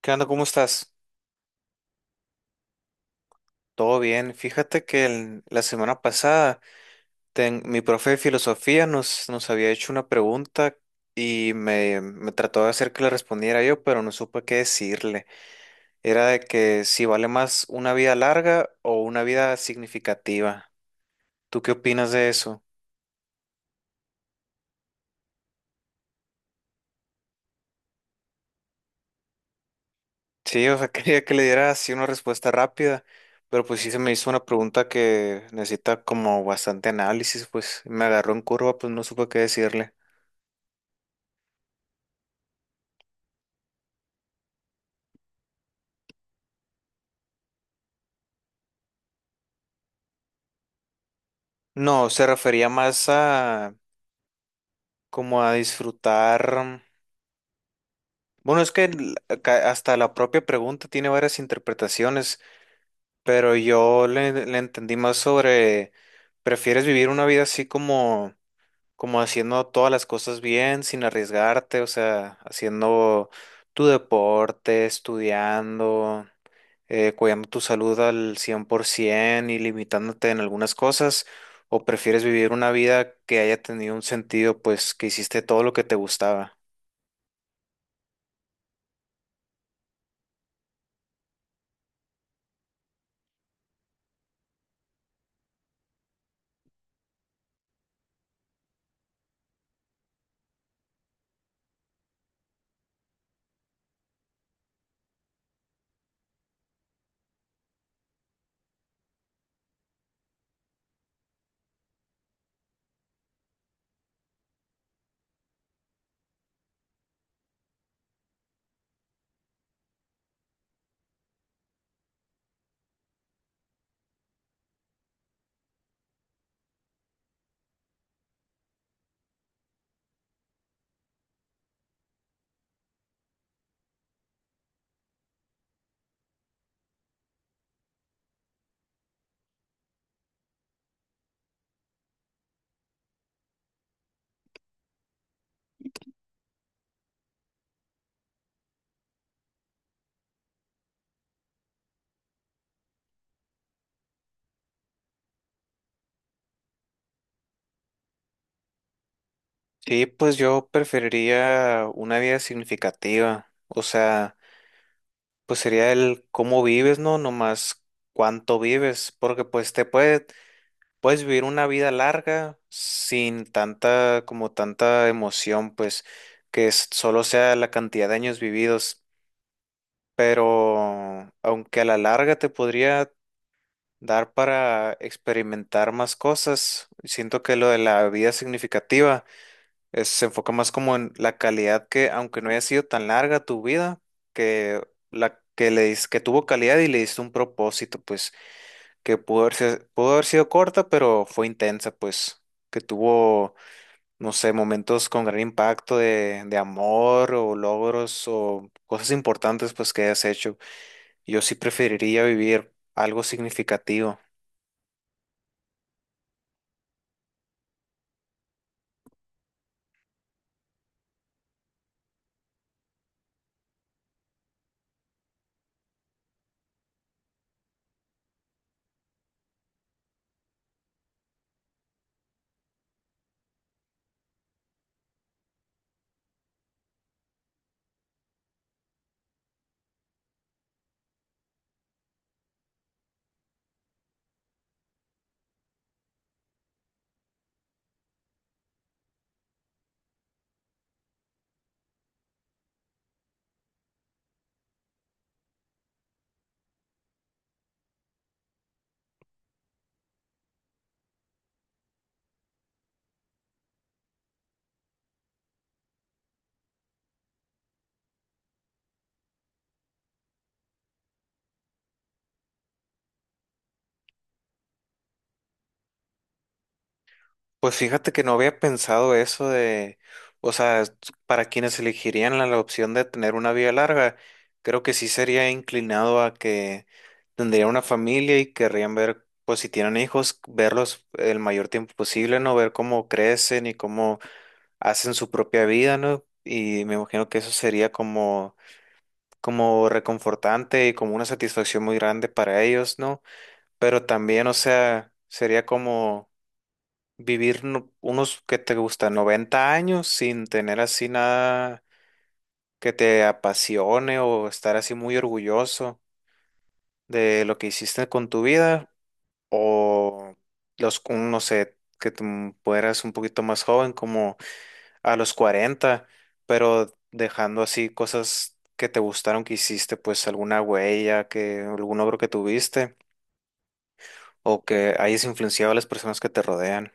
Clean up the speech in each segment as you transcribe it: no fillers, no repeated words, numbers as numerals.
¿Qué onda? ¿Cómo estás? Todo bien. Fíjate que la semana pasada mi profe de filosofía nos había hecho una pregunta y me trató de hacer que le respondiera yo, pero no supe qué decirle. Era de que si vale más una vida larga o una vida significativa. ¿Tú qué opinas de eso? Sí, o sea, quería que le diera así una respuesta rápida, pero pues sí se me hizo una pregunta que necesita como bastante análisis, pues me agarró en curva, pues no supe qué decirle. No, se refería más a como a disfrutar. Bueno, es que l- ca- hasta la propia pregunta tiene varias interpretaciones, pero yo le entendí más sobre, ¿prefieres vivir una vida así como, como haciendo todas las cosas bien, sin arriesgarte? O sea, haciendo tu deporte, estudiando. Cuidando tu salud al 100% y limitándote en algunas cosas, o prefieres vivir una vida que haya tenido un sentido, pues que hiciste todo lo que te gustaba. Sí, pues yo preferiría una vida significativa, o sea, pues sería el cómo vives, ¿no? No más cuánto vives, porque puedes vivir una vida larga sin tanta, como tanta emoción, pues solo sea la cantidad de años vividos. Pero aunque a la larga te podría dar para experimentar más cosas, siento que lo de la vida significativa se enfoca más como en la calidad que, aunque no haya sido tan larga tu vida, que la que le dis- que tuvo calidad y le diste un propósito, pues, que pudo haber, si- pudo haber sido corta, pero fue intensa, pues, que tuvo, no sé, momentos con gran impacto de amor o logros o cosas importantes, pues, que hayas hecho. Yo sí preferiría vivir algo significativo. Pues fíjate que no había pensado eso de, o sea, para quienes elegirían la opción de tener una vida larga, creo que sí sería inclinado a que tendría una familia y querrían ver, pues si tienen hijos, verlos el mayor tiempo posible, ¿no? Ver cómo crecen y cómo hacen su propia vida, ¿no? Y me imagino que eso sería como, como reconfortante y como una satisfacción muy grande para ellos, ¿no? Pero también, o sea, sería como vivir unos que te gustan 90 años sin tener así nada que te apasione o estar así muy orgulloso de lo que hiciste con tu vida o no sé, que tú fueras un poquito más joven, como a los cuarenta, pero dejando así cosas que te gustaron que hiciste, pues alguna huella, que algún logro que tuviste o que hayas influenciado a las personas que te rodean.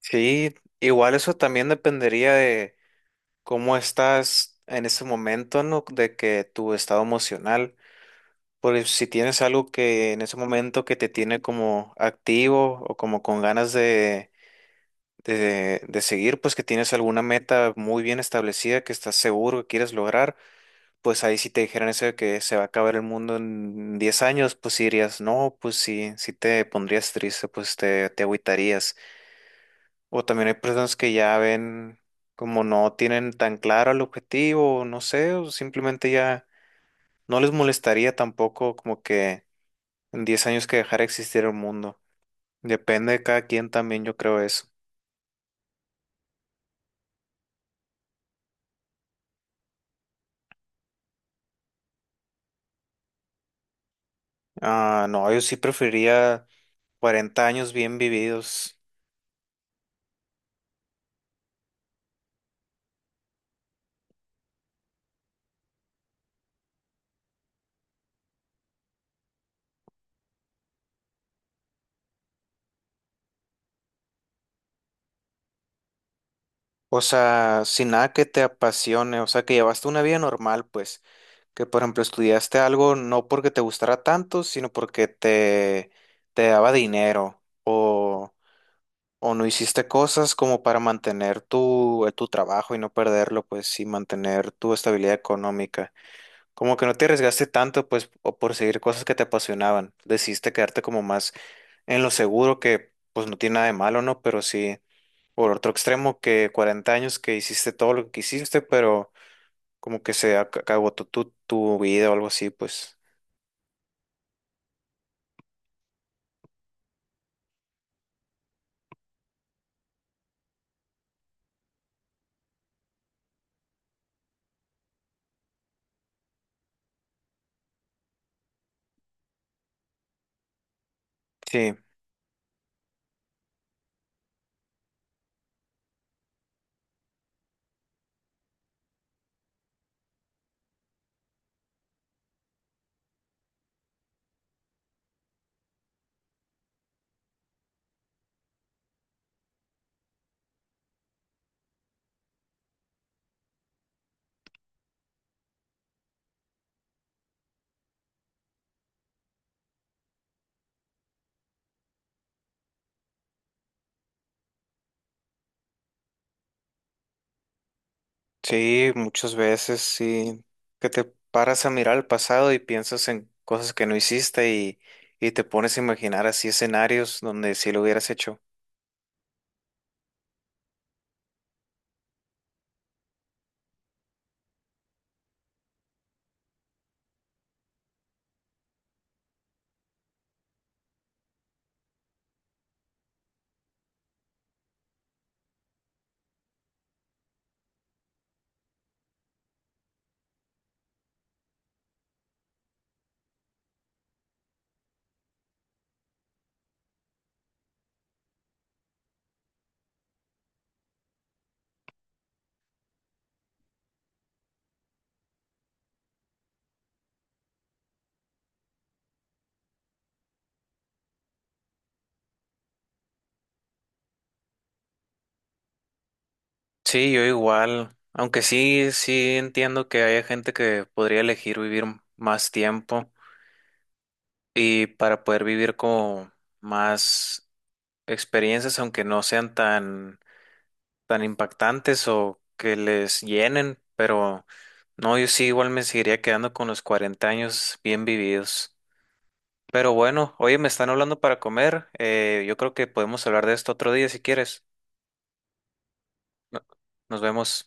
Sí, igual eso también dependería de cómo estás en ese momento, ¿no? De que tu estado emocional, porque si tienes algo que en ese momento que te tiene como activo o como con ganas de, de seguir, pues que tienes alguna meta muy bien establecida que estás seguro que quieres lograr, pues ahí si te dijeran eso de que se va a acabar el mundo en 10 años, pues sí dirías, no, pues sí, sí te pondrías triste, pues te agüitarías. O también hay personas que ya ven como no tienen tan claro el objetivo, o no sé, o simplemente ya no les molestaría tampoco como que en 10 años que dejara de existir el mundo. Depende de cada quien también, yo creo eso. Ah, no, yo sí preferiría 40 años bien vividos. O sea, sin nada que te apasione, o sea, que llevaste una vida normal, pues, que por ejemplo estudiaste algo no porque te gustara tanto, sino porque te daba dinero o no hiciste cosas como para mantener tu, tu trabajo y no perderlo, pues, y mantener tu estabilidad económica. Como que no te arriesgaste tanto, pues, o por seguir cosas que te apasionaban. Decidiste quedarte como más en lo seguro, que pues no tiene nada de malo, ¿no? Pero sí, por otro extremo, que 40 años que hiciste todo lo que quisiste, pero como que acabó tu vida o algo así, pues. Sí. Sí, muchas veces sí, que te paras a mirar al pasado y piensas en cosas que no hiciste y te pones a imaginar así escenarios donde sí lo hubieras hecho. Sí, yo igual, aunque sí, sí entiendo que hay gente que podría elegir vivir más tiempo y para poder vivir como más experiencias, aunque no sean tan tan impactantes o que les llenen, pero no, yo sí igual me seguiría quedando con los 40 años bien vividos. Pero bueno, oye, me están hablando para comer, yo creo que podemos hablar de esto otro día si quieres. No- Nos vemos.